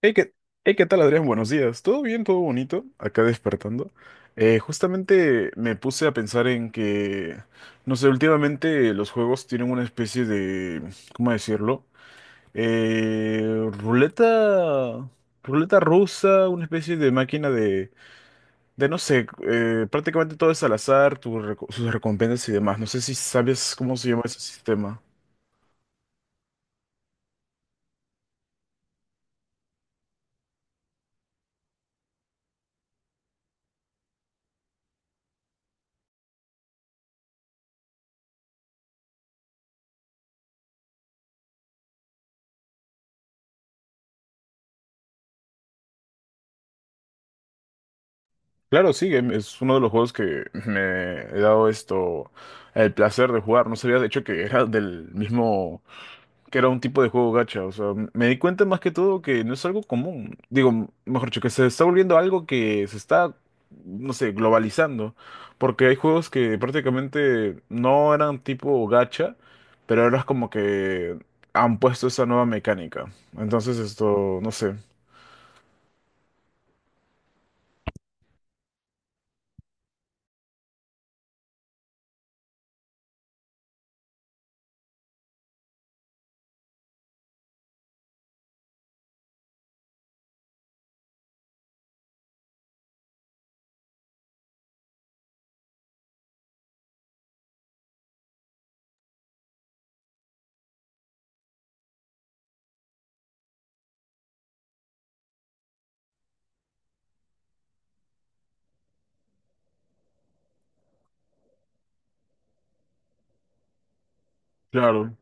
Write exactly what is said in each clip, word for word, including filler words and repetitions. Hey, ¿qué, hey, ¿qué tal, Adrián? Buenos días. ¿Todo bien? ¿Todo bonito? Acá despertando. Eh, justamente me puse a pensar en que, no sé, últimamente los juegos tienen una especie de, ¿cómo decirlo? Eh, ruleta, Ruleta rusa, una especie de máquina de, de no sé, eh, prácticamente todo es al azar, tu reco- sus recompensas y demás. No sé si sabes cómo se llama ese sistema. Claro, sí, em- es uno de los juegos que me he dado esto, el placer de jugar. No sabía de hecho que era del mismo, que era un tipo de juego gacha. O sea, m- me di cuenta más que todo que no es algo común. Digo, m- mejor dicho, que se está volviendo algo que se está, no sé, globalizando. Porque hay juegos que prácticamente no eran tipo gacha, pero ahora es como que han puesto esa nueva mecánica. Entonces esto, no sé. Claro.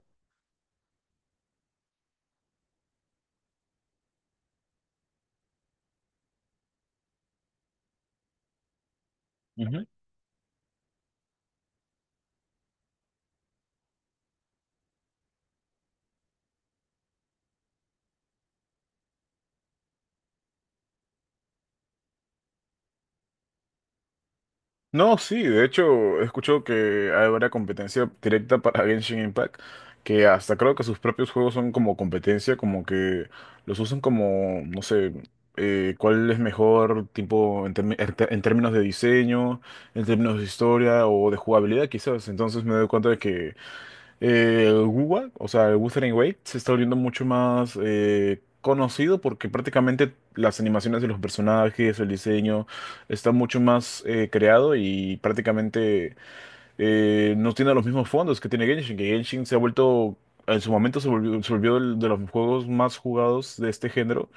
No, sí, de hecho, escucho que habrá competencia directa para Genshin Impact, que hasta creo que sus propios juegos son como competencia, como que los usan como, no sé, eh, cuál es mejor, tipo, en, termi- en ter- en términos de diseño, en términos de historia o de jugabilidad, quizás. Entonces me doy cuenta de que eh, Wuwa, o sea, el Wuthering Waves, se está volviendo mucho más eh, conocido porque prácticamente las animaciones de los personajes, el diseño, está mucho más eh, creado y prácticamente eh, no tiene los mismos fondos que tiene Genshin, que Genshin se ha vuelto, en su momento se volvió, se volvió el- de los juegos más jugados de este género.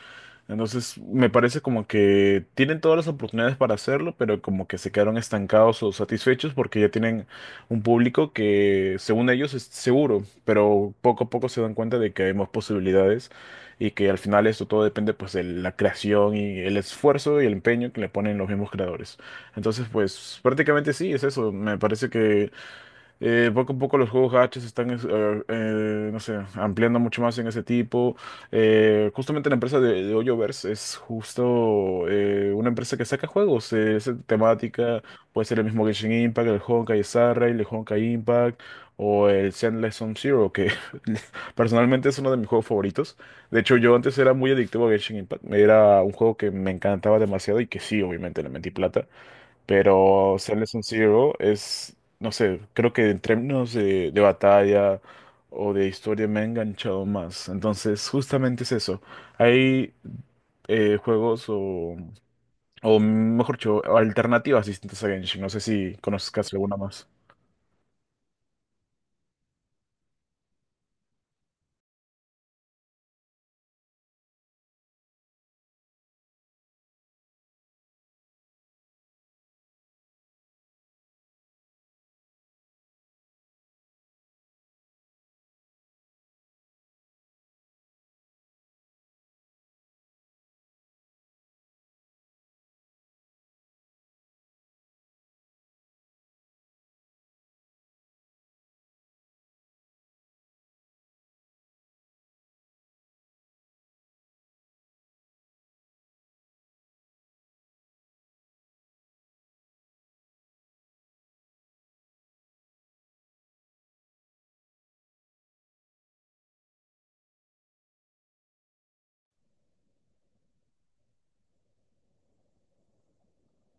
Entonces, me parece como que tienen todas las oportunidades para hacerlo, pero como que se quedaron estancados o satisfechos porque ya tienen un público que, según ellos, es seguro, pero poco a poco se dan cuenta de que hay más posibilidades y que al final esto todo depende pues de la creación y el esfuerzo y el empeño que le ponen los mismos creadores. Entonces, pues prácticamente sí, es eso. Me parece que eh, poco a poco los juegos gachas están, es- eh, eh, no sé, ampliando mucho más en ese tipo. Eh, justamente la empresa de, de Hoyoverse es justo eh, una empresa que saca juegos. Eh, esa temática puede ser el mismo Genshin Impact, el Honkai Star Rail, el Honkai Impact o el Zenless Zone Zero, que personalmente es uno de mis juegos favoritos. De hecho, yo antes era muy adictivo a Genshin Impact. Era un juego que me encantaba demasiado y que sí, obviamente le metí plata. Pero Silent Zero es, no sé, creo que en términos de, de batalla o de historia me ha enganchado más. Entonces, justamente es eso. Hay eh, juegos o, o mejor dicho, alternativas distintas a Genshin. No sé si conozcas alguna más.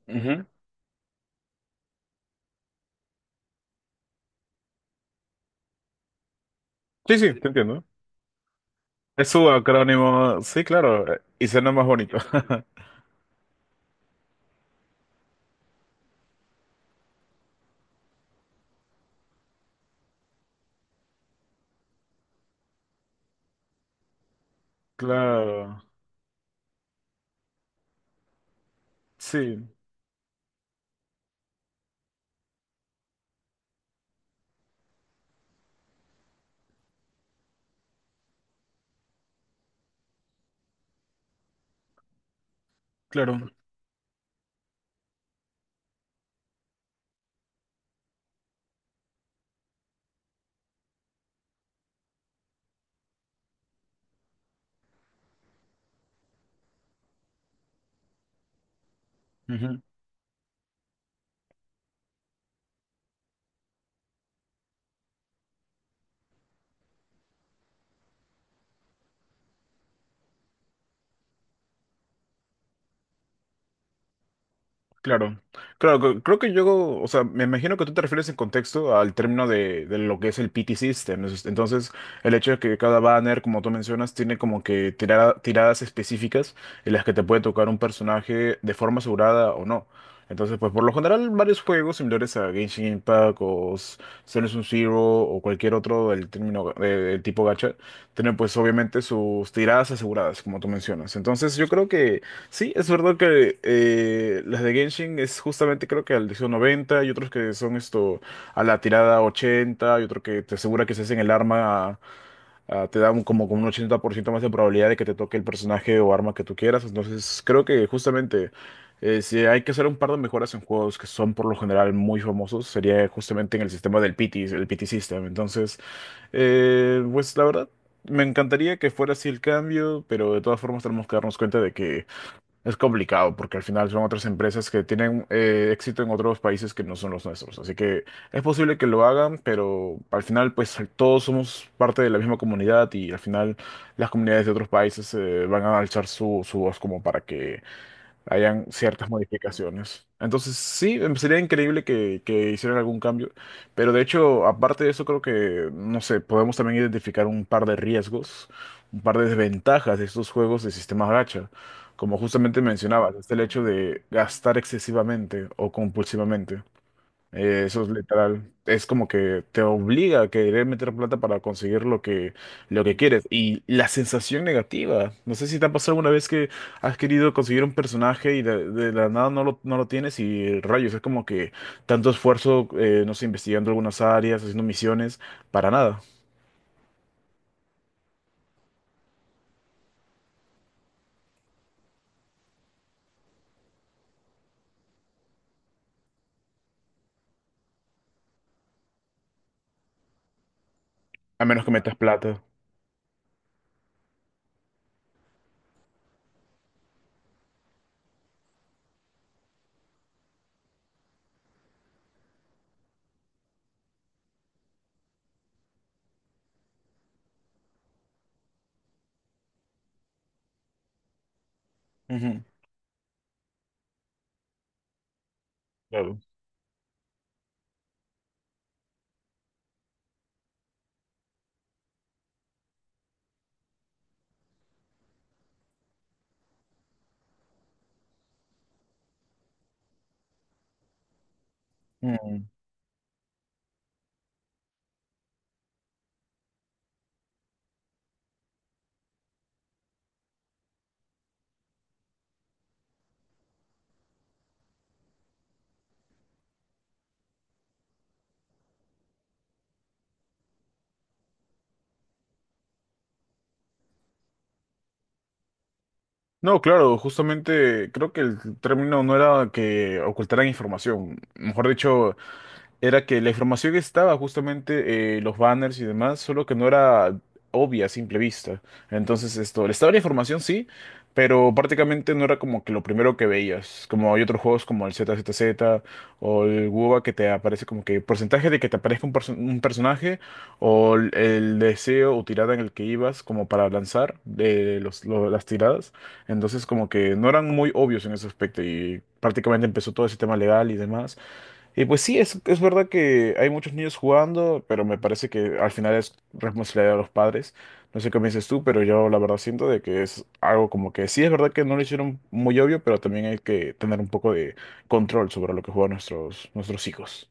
Ujú. Sí, sí, te entiendo. Es su acrónimo, sí, claro, eh, y suena más bonito. Claro, sí, claro. Claro, claro, cre- creo que yo, o sea, me imagino que tú te refieres en contexto al término de, de lo que es el P T System. Es- Entonces, el hecho de que cada banner, como tú mencionas, tiene como que tirada- tiradas específicas en las que te puede tocar un personaje de forma asegurada o no. Entonces, pues por lo general, varios juegos similares a Genshin Impact o S- Zero Sum Zero o cualquier otro del término eh, del tipo gacha, tienen pues obviamente sus tiradas aseguradas, como tú mencionas. Entonces, yo creo que sí, es verdad que eh, las de Genshin es justamente creo que al noventa y otros que son esto a la tirada ochenta y otro que te asegura que si hacen el arma ah, te da un- como con un ochenta por ciento más de probabilidad de que te toque el personaje o arma que tú quieras. Entonces creo que justamente eh, si hay que hacer un par de mejoras en juegos que son por lo general muy famosos sería justamente en el sistema del P T, el P T System. Entonces, eh, pues la verdad... Me encantaría que fuera así el cambio, pero de todas formas tenemos que darnos cuenta de que es complicado porque al final son otras empresas que tienen eh, éxito en otros países que no son los nuestros. Así que es posible que lo hagan, pero al final pues todos somos parte de la misma comunidad y al final las comunidades de otros países eh, van a alzar su, su voz como para que hayan ciertas modificaciones. Entonces, sí, em, sería increíble que, que hicieran algún cambio, pero de hecho, aparte de eso, creo que, no sé, podemos también identificar un par de riesgos, un par de desventajas de estos juegos de sistemas gacha, como justamente mencionabas, está el hecho de gastar excesivamente o compulsivamente. Eh, eso es literal. Es como que te obliga a querer meter plata para conseguir lo que, lo que quieres. Y la sensación negativa. No sé si te ha pasado alguna vez que has querido conseguir un personaje y de, de la nada no lo, no lo tienes y rayos. Es como que tanto esfuerzo, eh, no sé, investigando algunas áreas, haciendo misiones, para nada. A menos que metas plata. Ujú, claro. Mm. No, claro, justamente creo que el término no era que ocultaran información. Mejor dicho, era que la información estaba justamente eh, los banners y demás, solo que no era obvia a simple vista. Entonces esto, estaba la información sí, pero prácticamente no era como que lo primero que veías. Como hay otros juegos como el Z Z Z o el WoBA que te aparece como que porcentaje de que te aparezca un, perso- un personaje o el, el deseo o tirada en el que ibas como para lanzar de los, lo- las tiradas. Entonces como que no eran muy obvios en ese aspecto y prácticamente empezó todo ese tema legal y demás. Y pues sí, es, es verdad que hay muchos niños jugando, pero me parece que al final es responsabilidad de los padres. No sé qué me dices tú, pero yo la verdad siento de que es algo como que sí, es verdad que no lo hicieron muy obvio, pero también hay que tener un poco de control sobre lo que juegan nuestros, nuestros hijos.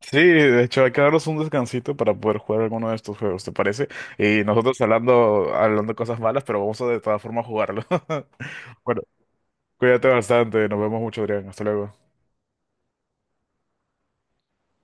Sí, de hecho hay que darnos un descansito para poder jugar alguno de estos juegos, ¿te parece? Y nosotros hablando, hablando cosas malas, pero vamos a de todas formas jugarlo. Bueno, cuídate bastante, nos vemos mucho, Adrián, hasta luego.